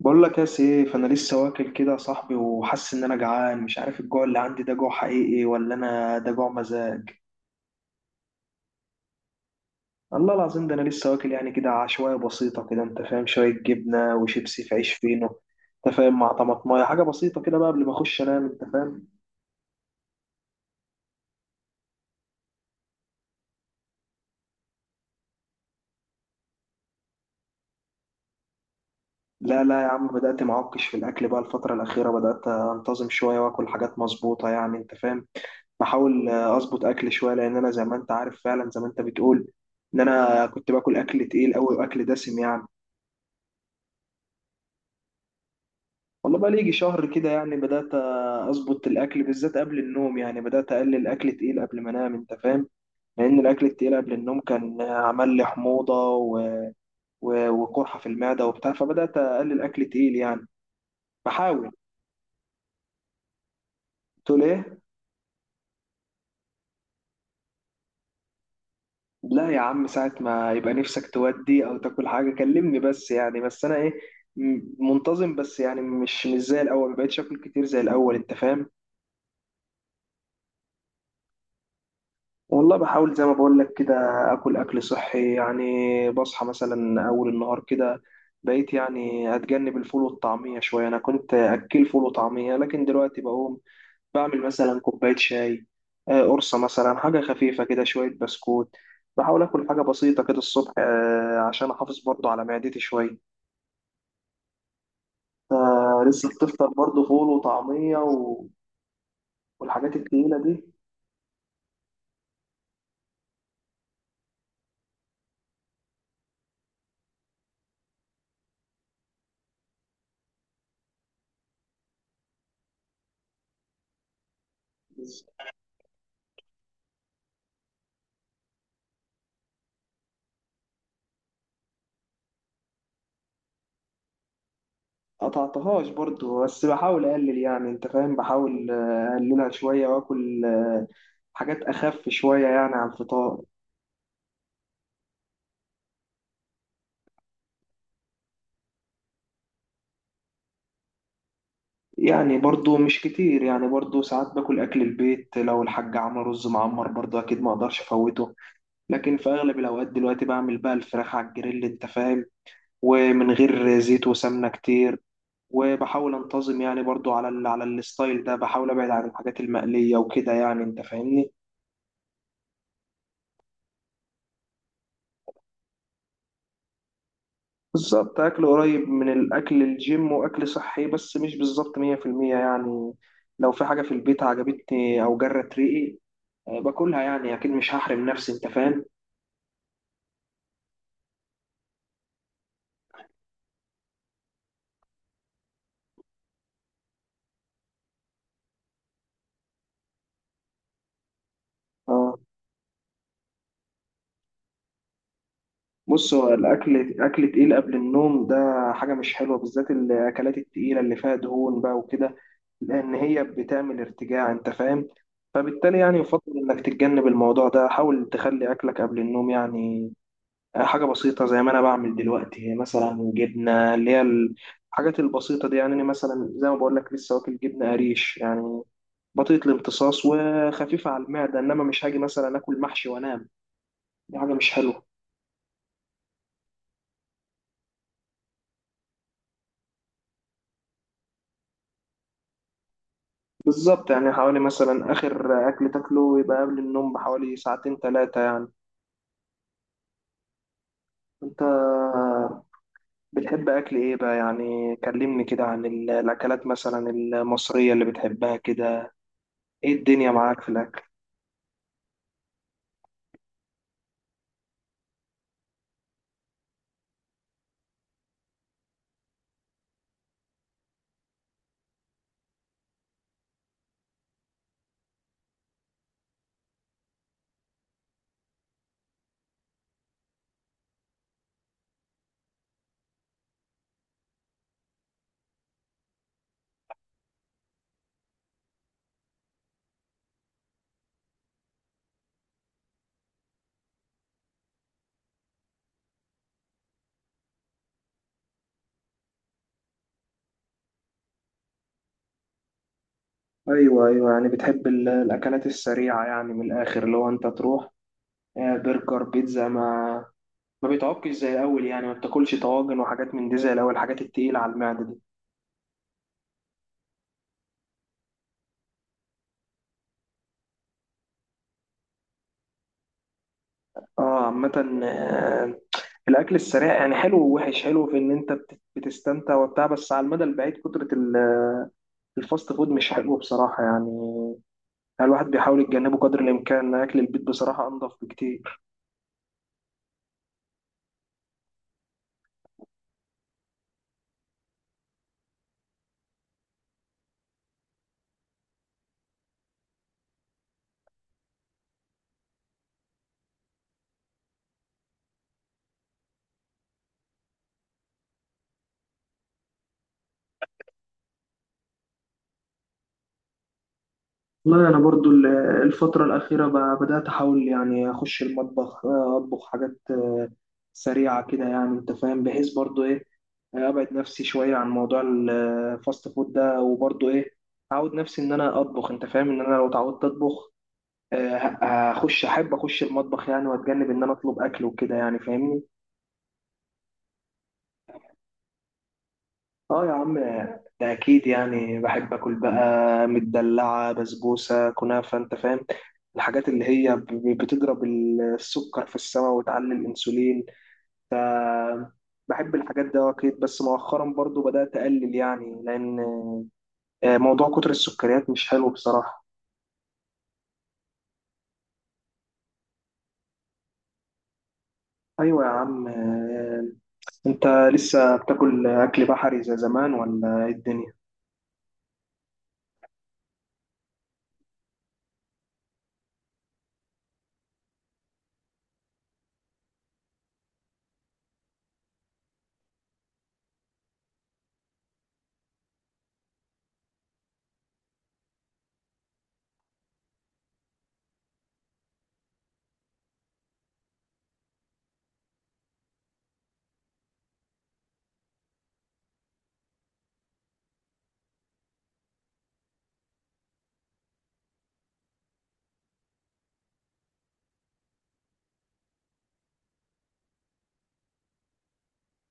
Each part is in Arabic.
بقول لك يا سي، فانا لسه واكل كده يا صاحبي، وحاسس ان انا جعان. مش عارف الجوع اللي عندي ده جوع حقيقي ولا انا ده جوع مزاج. الله العظيم، ده انا لسه واكل يعني كده، عشوائيه بسيطه كده، انت فاهم، شويه جبنه وشيبسي في عيش فينو. انت فاهم، مع طماطمايه، حاجه بسيطه كده بقى قبل ما اخش انام، انت فاهم. لا لا يا عم، بدات معكش في الاكل بقى، الفتره الاخيره بدات انتظم شويه واكل حاجات مظبوطه يعني انت فاهم. بحاول اظبط اكل شويه، لان انا زي ما انت عارف فعلا، زي ما انت بتقول ان انا كنت باكل اكل تقيل قوي واكل دسم يعني. والله بقى لي يجي شهر كده، يعني بدأت أظبط الأكل بالذات قبل النوم، يعني بدأت أقلل أكل تقيل قبل ما أنام، أنت فاهم. لأن الأكل التقيل قبل النوم كان عمل لي حموضة وقرحة في المعدة وبتاع، فبدأت أقلل أكل تقيل يعني، بحاول. تقول إيه؟ لا يا عم، ساعة ما يبقى نفسك تودي أو تاكل حاجة كلمني بس، يعني بس أنا إيه، م- منتظم بس، يعني مش زي الأول، مبقتش آكل كتير زي الأول، أنت فاهم. والله بحاول زي ما بقول لك كده، اكل اكل صحي يعني، بصحى مثلا اول النهار كده، بقيت يعني اتجنب الفول والطعميه شويه، انا كنت اكل فول وطعميه، لكن دلوقتي بقوم بعمل مثلا كوبايه شاي، قرصه مثلا، حاجه خفيفه كده، شويه بسكوت. بحاول اكل حاجه بسيطه كده الصبح، عشان احافظ برضو على معدتي شويه. لسه بتفطر برضو فول وطعميه و- والحاجات التقيله دي. قطعتهاش برضو، بس بحاول اقلل يعني انت فاهم، بحاول اقللها شويه، واكل حاجات اخف شويه يعني على الفطار. يعني برضو مش كتير، يعني برضو ساعات باكل اكل البيت، لو الحاج عمل رز معمر برضو اكيد ما اقدرش افوته. لكن في اغلب الاوقات دلوقتي بعمل بقى الفراخ على الجريل، انت فاهم، ومن غير زيت وسمنه كتير. وبحاول انتظم يعني برضو على ال على الستايل ده، بحاول ابعد عن الحاجات المقليه وكده يعني، انت فاهمني. بالظبط، أكل قريب من الأكل الجيم وأكل صحي، بس مش بالظبط 100% يعني. لو في حاجة في البيت عجبتني أو جرت ريقي، باكلها يعني، أكيد مش هحرم نفسي، أنت فاهم. اه، بص، هو الأكل أكل تقيل قبل النوم ده حاجة مش حلوة، بالذات الأكلات التقيلة اللي فيها دهون بقى وكده، لأن هي بتعمل ارتجاع، أنت فاهم. فبالتالي يعني يفضل إنك تتجنب الموضوع ده، حاول تخلي أكلك قبل النوم يعني، حاجة بسيطة زي ما أنا بعمل دلوقتي، مثلا جبنة، اللي هي الحاجات البسيطة دي يعني. أنا مثلا زي ما بقول لك لسه واكل جبنة قريش يعني، بطيئة الامتصاص وخفيفة على المعدة، إنما مش هاجي مثلا آكل محشي وأنام، دي حاجة مش حلوة. بالظبط، يعني حوالي مثلا آخر أكل تاكله يبقى قبل النوم بحوالي ساعتين ثلاثة يعني. أنت بتحب أكل إيه بقى؟ يعني كلمني كده عن الأكلات مثلا المصرية اللي بتحبها كده، إيه الدنيا معاك في الأكل؟ ايوه، ايوه، يعني بتحب الاكلات السريعه، يعني من الاخر، اللي هو انت تروح برجر بيتزا، ما بيتعبكش زي الاول، يعني ما بتاكلش طواجن وحاجات من دي زي الاول، الحاجات التقيله على المعده دي. اه، عامه، الاكل السريع يعني حلو ووحش، حلو في ان انت بتستمتع وبتاع، بس على المدى البعيد كتره الفاست فود مش حلو بصراحه يعني. يعني الواحد بيحاول يتجنبه قدر الامكان، اكل البيت بصراحه انضف بكتير. والله أنا برضو الفترة الأخيرة بدأت أحاول يعني أخش المطبخ، أطبخ حاجات سريعة كده يعني أنت فاهم، بحيث برضو إيه، أبعد نفسي شوية عن موضوع الفاست فود ده، وبرضو إيه، أعود نفسي إن أنا أطبخ، أنت فاهم، إن أنا لو اتعودت أطبخ، هخش أحب أخش المطبخ يعني، وأتجنب إن أنا أطلب أكل وكده يعني، فاهمني. اه يا عم، ده اكيد، يعني بحب اكل بقى مدلعه، بسبوسه، كنافه، انت فاهم، الحاجات اللي هي بتضرب السكر في السماء وتعلي الانسولين. ف بحب الحاجات دي اكيد، بس مؤخرا برضو بدات اقلل يعني، لان موضوع كتر السكريات مش حلو بصراحه. ايوه يا عم، انت لسه بتاكل اكل بحري زي زمان ولا ايه الدنيا؟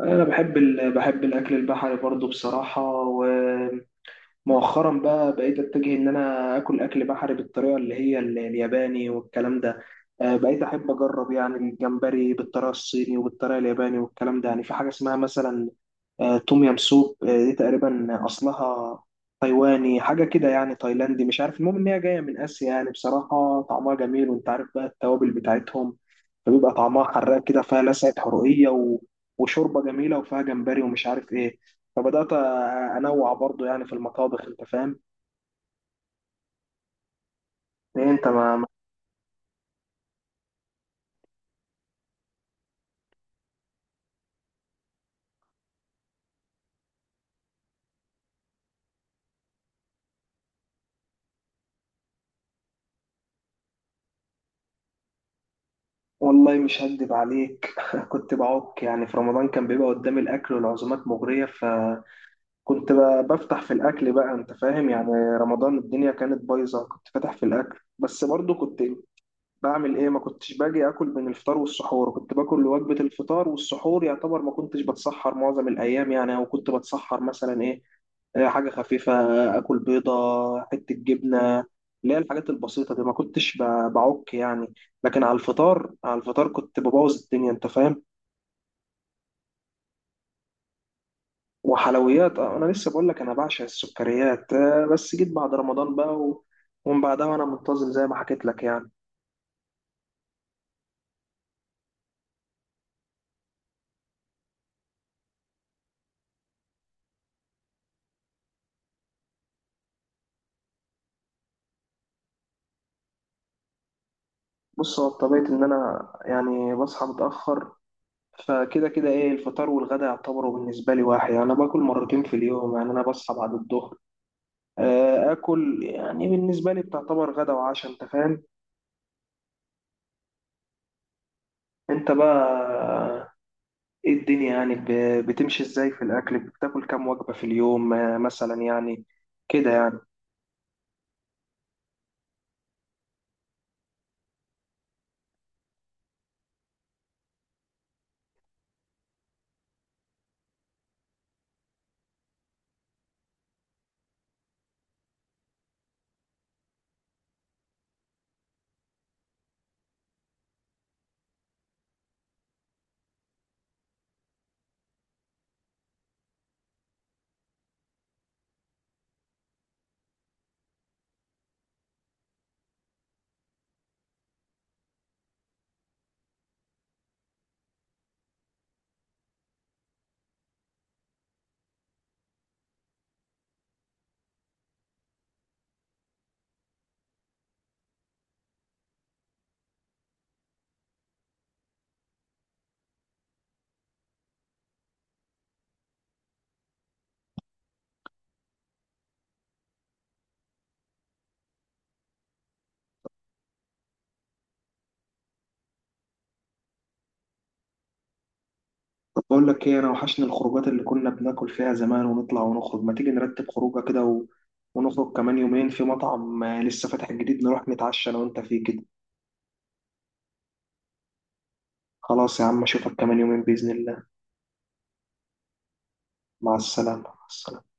انا بحب بحب الاكل البحري برضو بصراحه. مؤخرا بقى بقيت اتجه ان انا اكل اكل بحري بالطريقه اللي هي الياباني والكلام ده، بقيت احب اجرب يعني الجمبري بالطريقه الصيني وبالطريقه الياباني والكلام ده، يعني في حاجه اسمها مثلا توم يام سوب. دي تقريبا اصلها تايواني، حاجه كده، يعني تايلاندي، مش عارف، المهم ان هي جايه من اسيا يعني، بصراحه طعمها جميل، وانت عارف بقى التوابل بتاعتهم، فبيبقى طعمها حراق كده، فيها لسعة حرقية و... وشوربة جميلة، وفيها جمبري ومش عارف ايه. فبدأت أنوع برضو يعني في المطابخ، أنت فاهم. إيه أنت. والله مش هكدب عليك كنت بعك يعني، في رمضان كان بيبقى قدامي الأكل والعزومات مغرية، فكنت بفتح في الأكل بقى، أنت فاهم يعني، رمضان الدنيا كانت بايظة، كنت فاتح في الأكل، بس برضو كنت بعمل ايه، ما كنتش باجي اكل من الفطار والسحور، كنت باكل وجبة الفطار، والسحور يعتبر ما كنتش بتسحر معظم الايام يعني، او كنت بتسحر مثلا ايه، حاجة خفيفة، اكل بيضة، حتة جبنة، اللي هي الحاجات البسيطة دي، ما كنتش بعك يعني. لكن على الفطار كنت ببوظ الدنيا، انت فاهم. وحلويات، انا لسه بقول لك انا بعشق السكريات، بس جيت بعد رمضان بقى ومن بعدها وانا منتظم زي ما حكيت لك يعني. بص، هو بطبيعة ان انا يعني بصحى متأخر، فكده كده، ايه، الفطار والغدا يعتبروا بالنسبه لي واحد يعني، انا باكل مرتين في اليوم يعني، انا بصحى بعد الظهر، اكل يعني بالنسبه لي بتعتبر غدا وعشاء، انت فاهم. انت بقى، ايه الدنيا يعني بتمشي ازاي في الاكل؟ بتاكل كام وجبه في اليوم مثلا يعني، كده يعني. طب بقول لك ايه، انا وحشني الخروجات اللي كنا بناكل فيها زمان ونطلع ونخرج، ما تيجي نرتب خروجه كده ونخرج كمان يومين في مطعم لسه فاتح جديد، نروح نتعشى انا وانت فيه كده. خلاص يا عم، اشوفك كمان يومين باذن الله. مع السلامة، مع السلامة.